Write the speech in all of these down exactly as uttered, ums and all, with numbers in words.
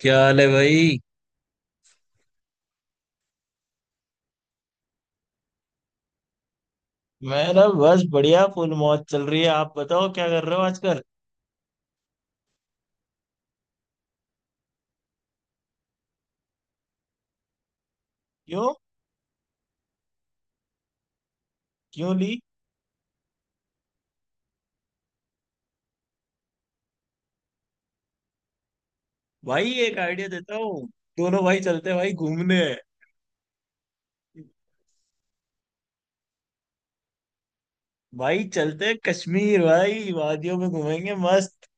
क्या हाल है भाई। मैं ना बस बढ़िया फुल मौज चल रही है। आप बताओ क्या कर रहे हो आजकल। क्यों। क्यों ली। भाई एक आइडिया देता हूँ। दोनों भाई चलते हैं भाई घूमने। भाई चलते हैं कश्मीर भाई, वादियों में घूमेंगे मस्त।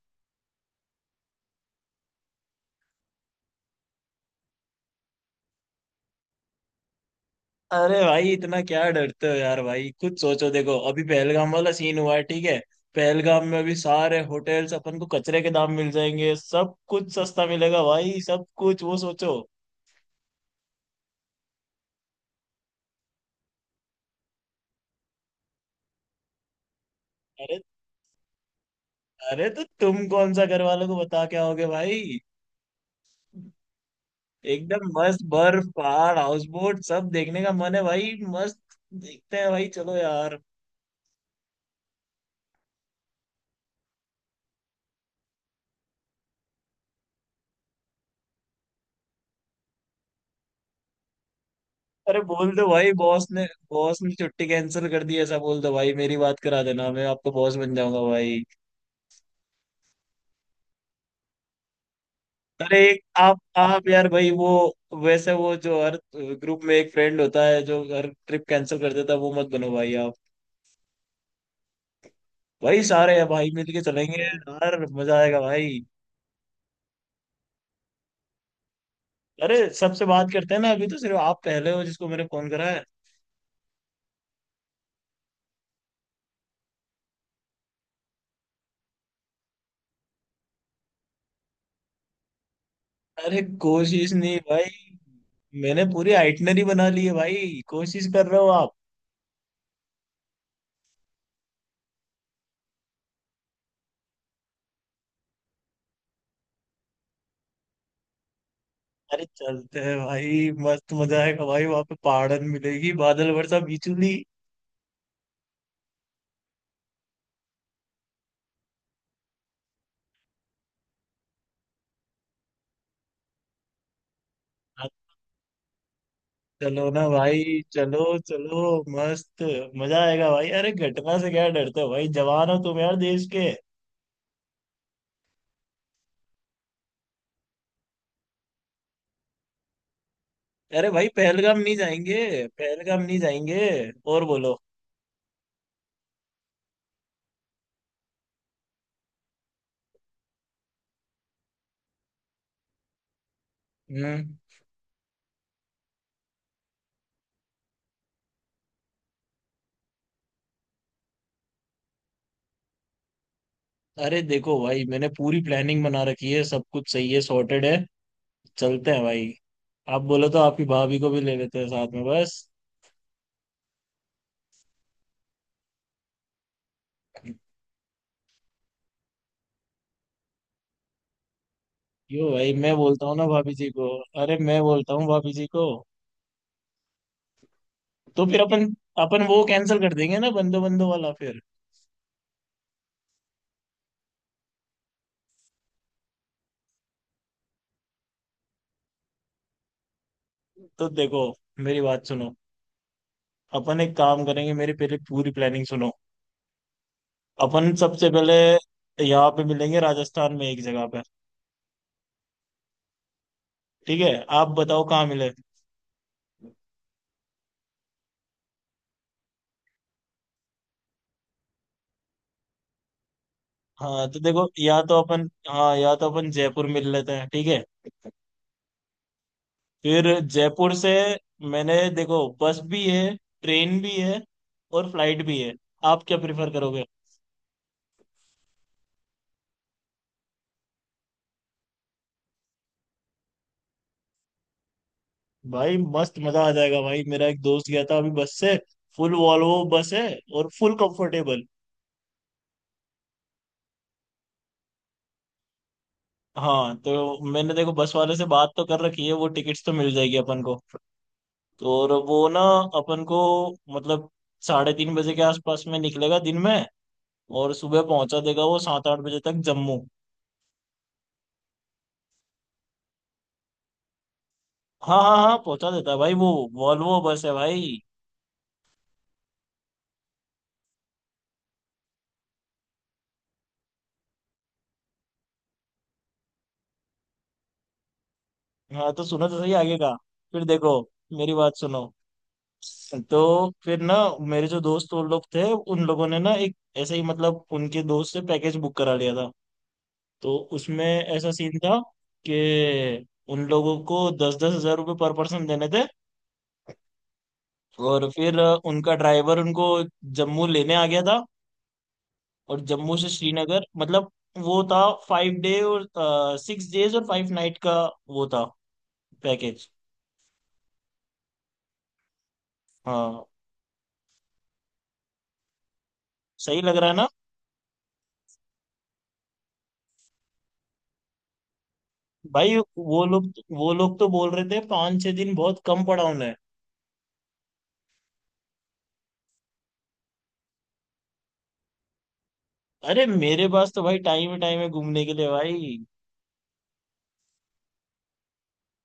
अरे भाई इतना क्या डरते हो यार। भाई खुद सोचो देखो, अभी पहलगाम वाला सीन हुआ है ठीक है। पहलगाम में अभी सारे होटल्स अपन को कचरे के दाम मिल जाएंगे, सब कुछ सस्ता मिलेगा भाई, सब कुछ वो सोचो। अरे। अरे तो तुम कौन सा घर वालों को बता के आओगे भाई। एकदम मस्त बर्फ पहाड़ हाउस बोट सब देखने का मन है भाई। मस्त। देखते हैं भाई चलो यार। अरे बोल दो भाई बॉस ने। बॉस ने छुट्टी कैंसिल कर दी है, ऐसा बोल दो भाई। मेरी बात करा देना, मैं आपका बॉस बन जाऊंगा भाई। अरे एक आप आप यार भाई वो, वैसे वो जो हर ग्रुप में एक फ्रेंड होता है जो हर ट्रिप कैंसिल कर देता है वो मत बनो भाई आप। भाई सारे हैं भाई मिलके चलेंगे यार मजा आएगा भाई। अरे सबसे बात करते हैं ना, अभी तो सिर्फ आप पहले हो जिसको मैंने फोन करा है। अरे कोशिश नहीं भाई। मैंने पूरी आइटनरी बना ली है भाई, कोशिश कर रहे हो आप। अरे चलते हैं भाई मस्त मजा आएगा भाई, वहां पे पहाड़न मिलेगी, बादल वर्षा बिजली। हाँ, चलो ना भाई चलो चलो। मस्त। मजा आएगा भाई, अरे घटना से क्या डरते हो भाई, जवान हो तुम यार देश के। अरे भाई पहलगाम नहीं जाएंगे, पहलगाम नहीं जाएंगे। और बोलो। हम्म। अरे देखो भाई मैंने पूरी प्लानिंग बना रखी है, सब कुछ सही है सॉर्टेड है। चलते हैं भाई। आप बोलो तो आपकी भाभी को भी ले लेते हैं साथ में बस। यो भाई मैं बोलता हूँ ना भाभी जी को। अरे मैं बोलता हूँ भाभी जी को। तो फिर अपन अपन वो कैंसिल कर देंगे ना बंदो बंदो वाला फिर। तो देखो, मेरी बात सुनो। अपन एक काम करेंगे, मेरी पहले पूरी प्लानिंग सुनो। अपन सबसे पहले यहाँ पे मिलेंगे राजस्थान में एक जगह पे। ठीक है। आप बताओ कहाँ मिले। हाँ तो देखो, या तो अपन, हाँ, या तो अपन जयपुर मिल लेते हैं ठीक है। फिर जयपुर से। मैंने देखो बस भी है, ट्रेन भी है, और फ्लाइट भी है। आप क्या प्रिफर करोगे। भाई मस्त मजा आ जाएगा भाई, मेरा एक दोस्त गया था अभी बस से। फुल वॉल्वो बस है और फुल कंफर्टेबल। हाँ तो मैंने देखो बस वाले से बात तो कर रखी है, वो टिकट्स तो मिल जाएगी अपन को। तो और वो ना, अपन को मतलब, साढ़े तीन बजे के आसपास में निकलेगा दिन में। और सुबह पहुंचा देगा वो सात आठ बजे तक जम्मू। हाँ हाँ हाँ, पहुंचा देता है भाई वो। वॉल्वो बस है भाई। हाँ तो सुनो तो सही आगे का। फिर देखो मेरी बात सुनो। तो फिर ना, मेरे जो दोस्त वो लोग थे उन लोगों ने ना एक ऐसे ही मतलब उनके दोस्त से पैकेज बुक करा लिया था। तो उसमें ऐसा सीन था कि उन लोगों को दस दस हजार रुपये पर पर्सन देने थे। और फिर उनका ड्राइवर उनको जम्मू लेने आ गया था। और जम्मू से श्रीनगर मतलब वो था फाइव डे और सिक्स डेज और फाइव नाइट का, वो था पैकेज। हाँ। सही लग रहा है। भाई वो लोग वो लोग तो बोल रहे थे पाँच छह दिन बहुत कम पड़ा उन्हें। अरे मेरे पास तो भाई टाइम है, टाइम है घूमने के लिए भाई।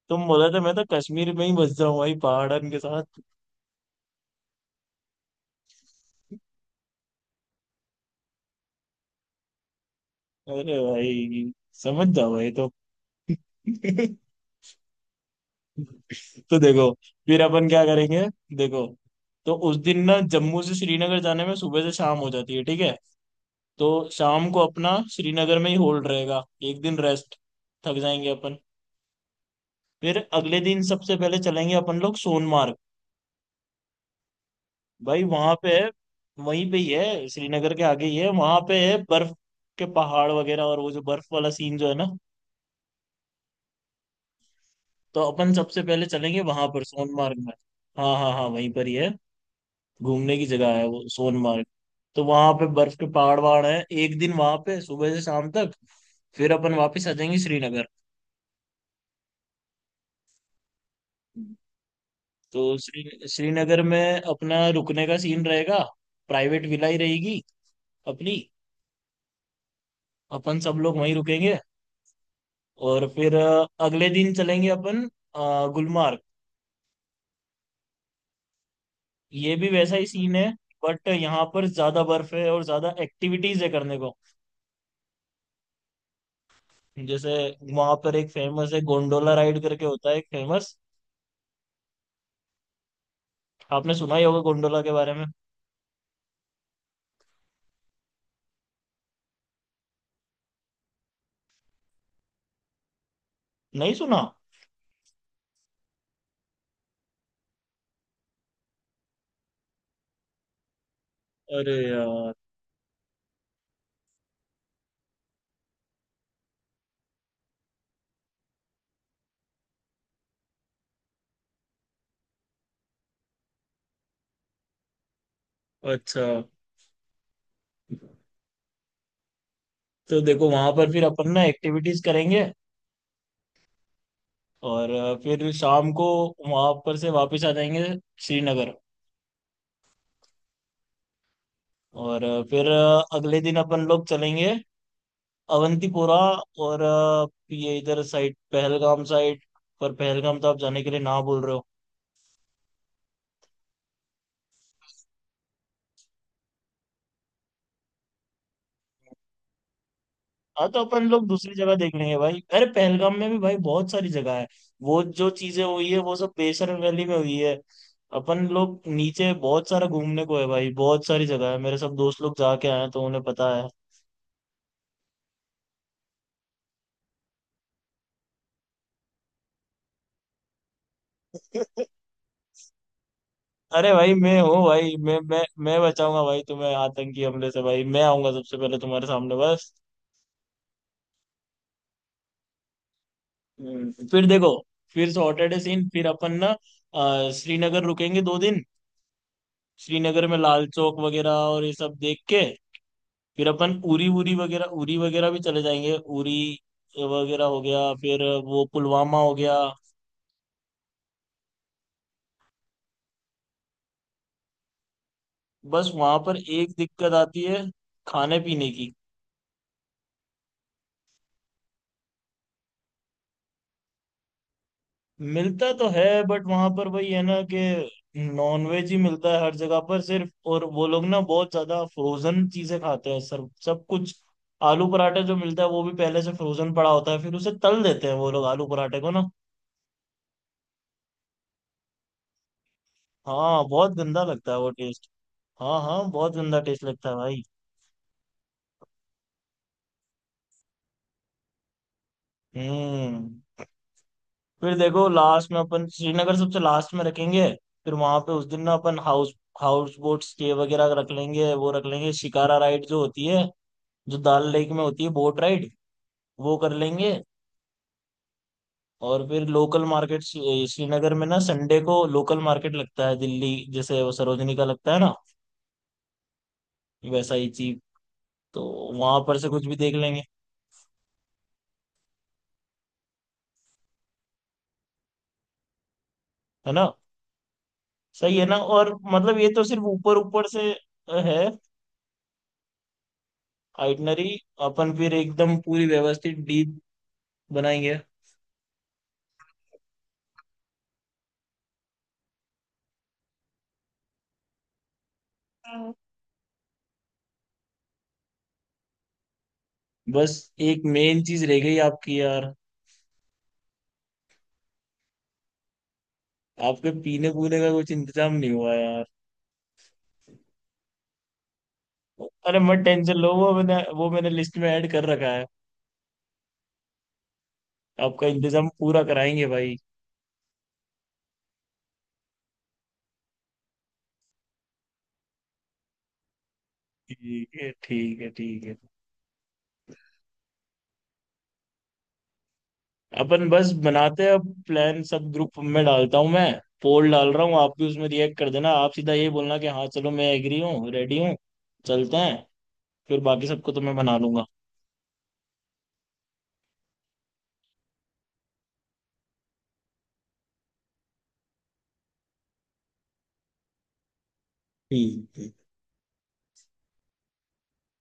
तुम बोला था मैं तो कश्मीर में ही बस जाऊं भाई पहाड़न के साथ। अरे भाई समझ जाओ भाई तो। तो देखो, फिर अपन क्या करेंगे देखो। तो उस दिन ना जम्मू से श्रीनगर जाने में सुबह से शाम हो जाती है ठीक है। तो शाम को अपना श्रीनगर में ही होल्ड रहेगा। एक दिन रेस्ट, थक जाएंगे अपन। फिर अगले दिन सबसे पहले चलेंगे अपन लोग सोनमार्ग। भाई वहां पे है, वहीं पे ही है श्रीनगर के आगे ही है, वहां पे है बर्फ के पहाड़ वगैरह, और वो जो बर्फ वाला सीन जो है ना। तो अपन सबसे पहले चलेंगे वहां पर सोनमार्ग में। हाँ हाँ हाँ, वहीं पर ही है, घूमने की जगह है वो सोनमार्ग। तो वहां पे बर्फ के पहाड़ वहाड़ है। एक दिन वहां पे सुबह से शाम तक। फिर अपन वापस आ जाएंगे श्रीनगर। तो श्री श्रीनगर में अपना रुकने का सीन रहेगा। प्राइवेट विला ही रहेगी अपनी। अपन सब लोग वहीं रुकेंगे। और फिर अ, अगले दिन चलेंगे अपन अ, गुलमार्ग। ये भी वैसा ही सीन है। बट यहाँ पर ज्यादा बर्फ है और ज्यादा एक्टिविटीज है करने को। जैसे वहां पर एक फेमस है गोंडोला राइड करके होता है एक फेमस। आपने सुना ही होगा गोंडोला के बारे में। नहीं सुना। अरे यार। अच्छा तो देखो वहां पर फिर अपन ना एक्टिविटीज करेंगे। और अ, फिर शाम को वहां पर से वापस आ जाएंगे श्रीनगर। और अ, फिर अ, अगले दिन अपन लोग चलेंगे अवंतीपोरा। और अ, ये इधर साइड पहलगाम साइड। पर पहलगाम तो आप जाने के लिए ना बोल रहे हो। हाँ तो अपन लोग दूसरी जगह देख लेंगे भाई, अरे पहलगाम में भी भाई बहुत सारी जगह है। वो जो चीजें हुई है वो सब बेसर वैली में हुई है। अपन लोग नीचे बहुत सारा घूमने को है भाई, बहुत सारी जगह है, मेरे सब दोस्त लोग जाके आए हैं तो उन्हें पता है। अरे भाई मैं हूँ भाई, मैं मैं मैं बचाऊंगा भाई तुम्हें आतंकी हमले से भाई, मैं आऊंगा सबसे पहले तुम्हारे सामने बस। हम्म, फिर देखो। फिर सॉर्टेड है सीन, फिर अपन ना अ, श्रीनगर रुकेंगे दो दिन। श्रीनगर में लाल चौक वगैरह और ये सब देख के फिर अपन उरी उरी वगैरह उरी वगैरह भी चले जाएंगे। उरी वगैरह हो गया फिर वो पुलवामा हो गया। बस वहां पर एक दिक्कत आती है खाने पीने की। मिलता तो है बट वहां पर वही है ना कि नॉनवेज ही मिलता है हर जगह पर सिर्फ, और वो लोग ना बहुत ज्यादा फ्रोजन चीजें खाते हैं सर सब कुछ। आलू पराठा जो मिलता है वो भी पहले से फ्रोजन पड़ा होता है, फिर उसे तल देते हैं वो लोग आलू पराठे को ना। हाँ बहुत गंदा लगता है वो टेस्ट। हाँ हाँ बहुत गंदा टेस्ट लगता है भाई। हम्म। फिर देखो लास्ट में अपन श्रीनगर सबसे लास्ट में रखेंगे। फिर वहां पे उस दिन ना अपन हाउस हाउस बोट स्टे वगैरह रख लेंगे, वो रख लेंगे शिकारा राइड जो होती है, जो दाल लेक में होती है बोट राइड, वो कर लेंगे। और फिर लोकल मार्केट श्रीनगर में ना संडे को लोकल मार्केट लगता है, दिल्ली जैसे वो सरोजनी का लगता है ना, वैसा ही चीप। तो वहां पर से कुछ भी देख लेंगे। है ना सही है ना, और मतलब ये तो सिर्फ ऊपर ऊपर से है आइटनरी, अपन फिर एकदम पूरी व्यवस्थित डीप बनाएंगे। हाँ। बस एक मेन चीज रह गई आपकी यार, आपके पीने पूने का कुछ इंतजाम नहीं हुआ यार। अरे मत टेंशन लो, वो मैंने वो मैंने लिस्ट में ऐड कर रखा है। आपका इंतजाम पूरा कराएंगे भाई। ठीक है ठीक है ठीक है। अपन बस बनाते हैं अब प्लान, सब ग्रुप में डालता हूँ मैं। पोल डाल रहा हूँ, आप भी उसमें रिएक्ट कर देना, आप सीधा ये बोलना कि हाँ चलो मैं एग्री हूँ रेडी हूँ। चलते हैं फिर, बाकी सबको तो मैं बना लूंगा। ठीक है।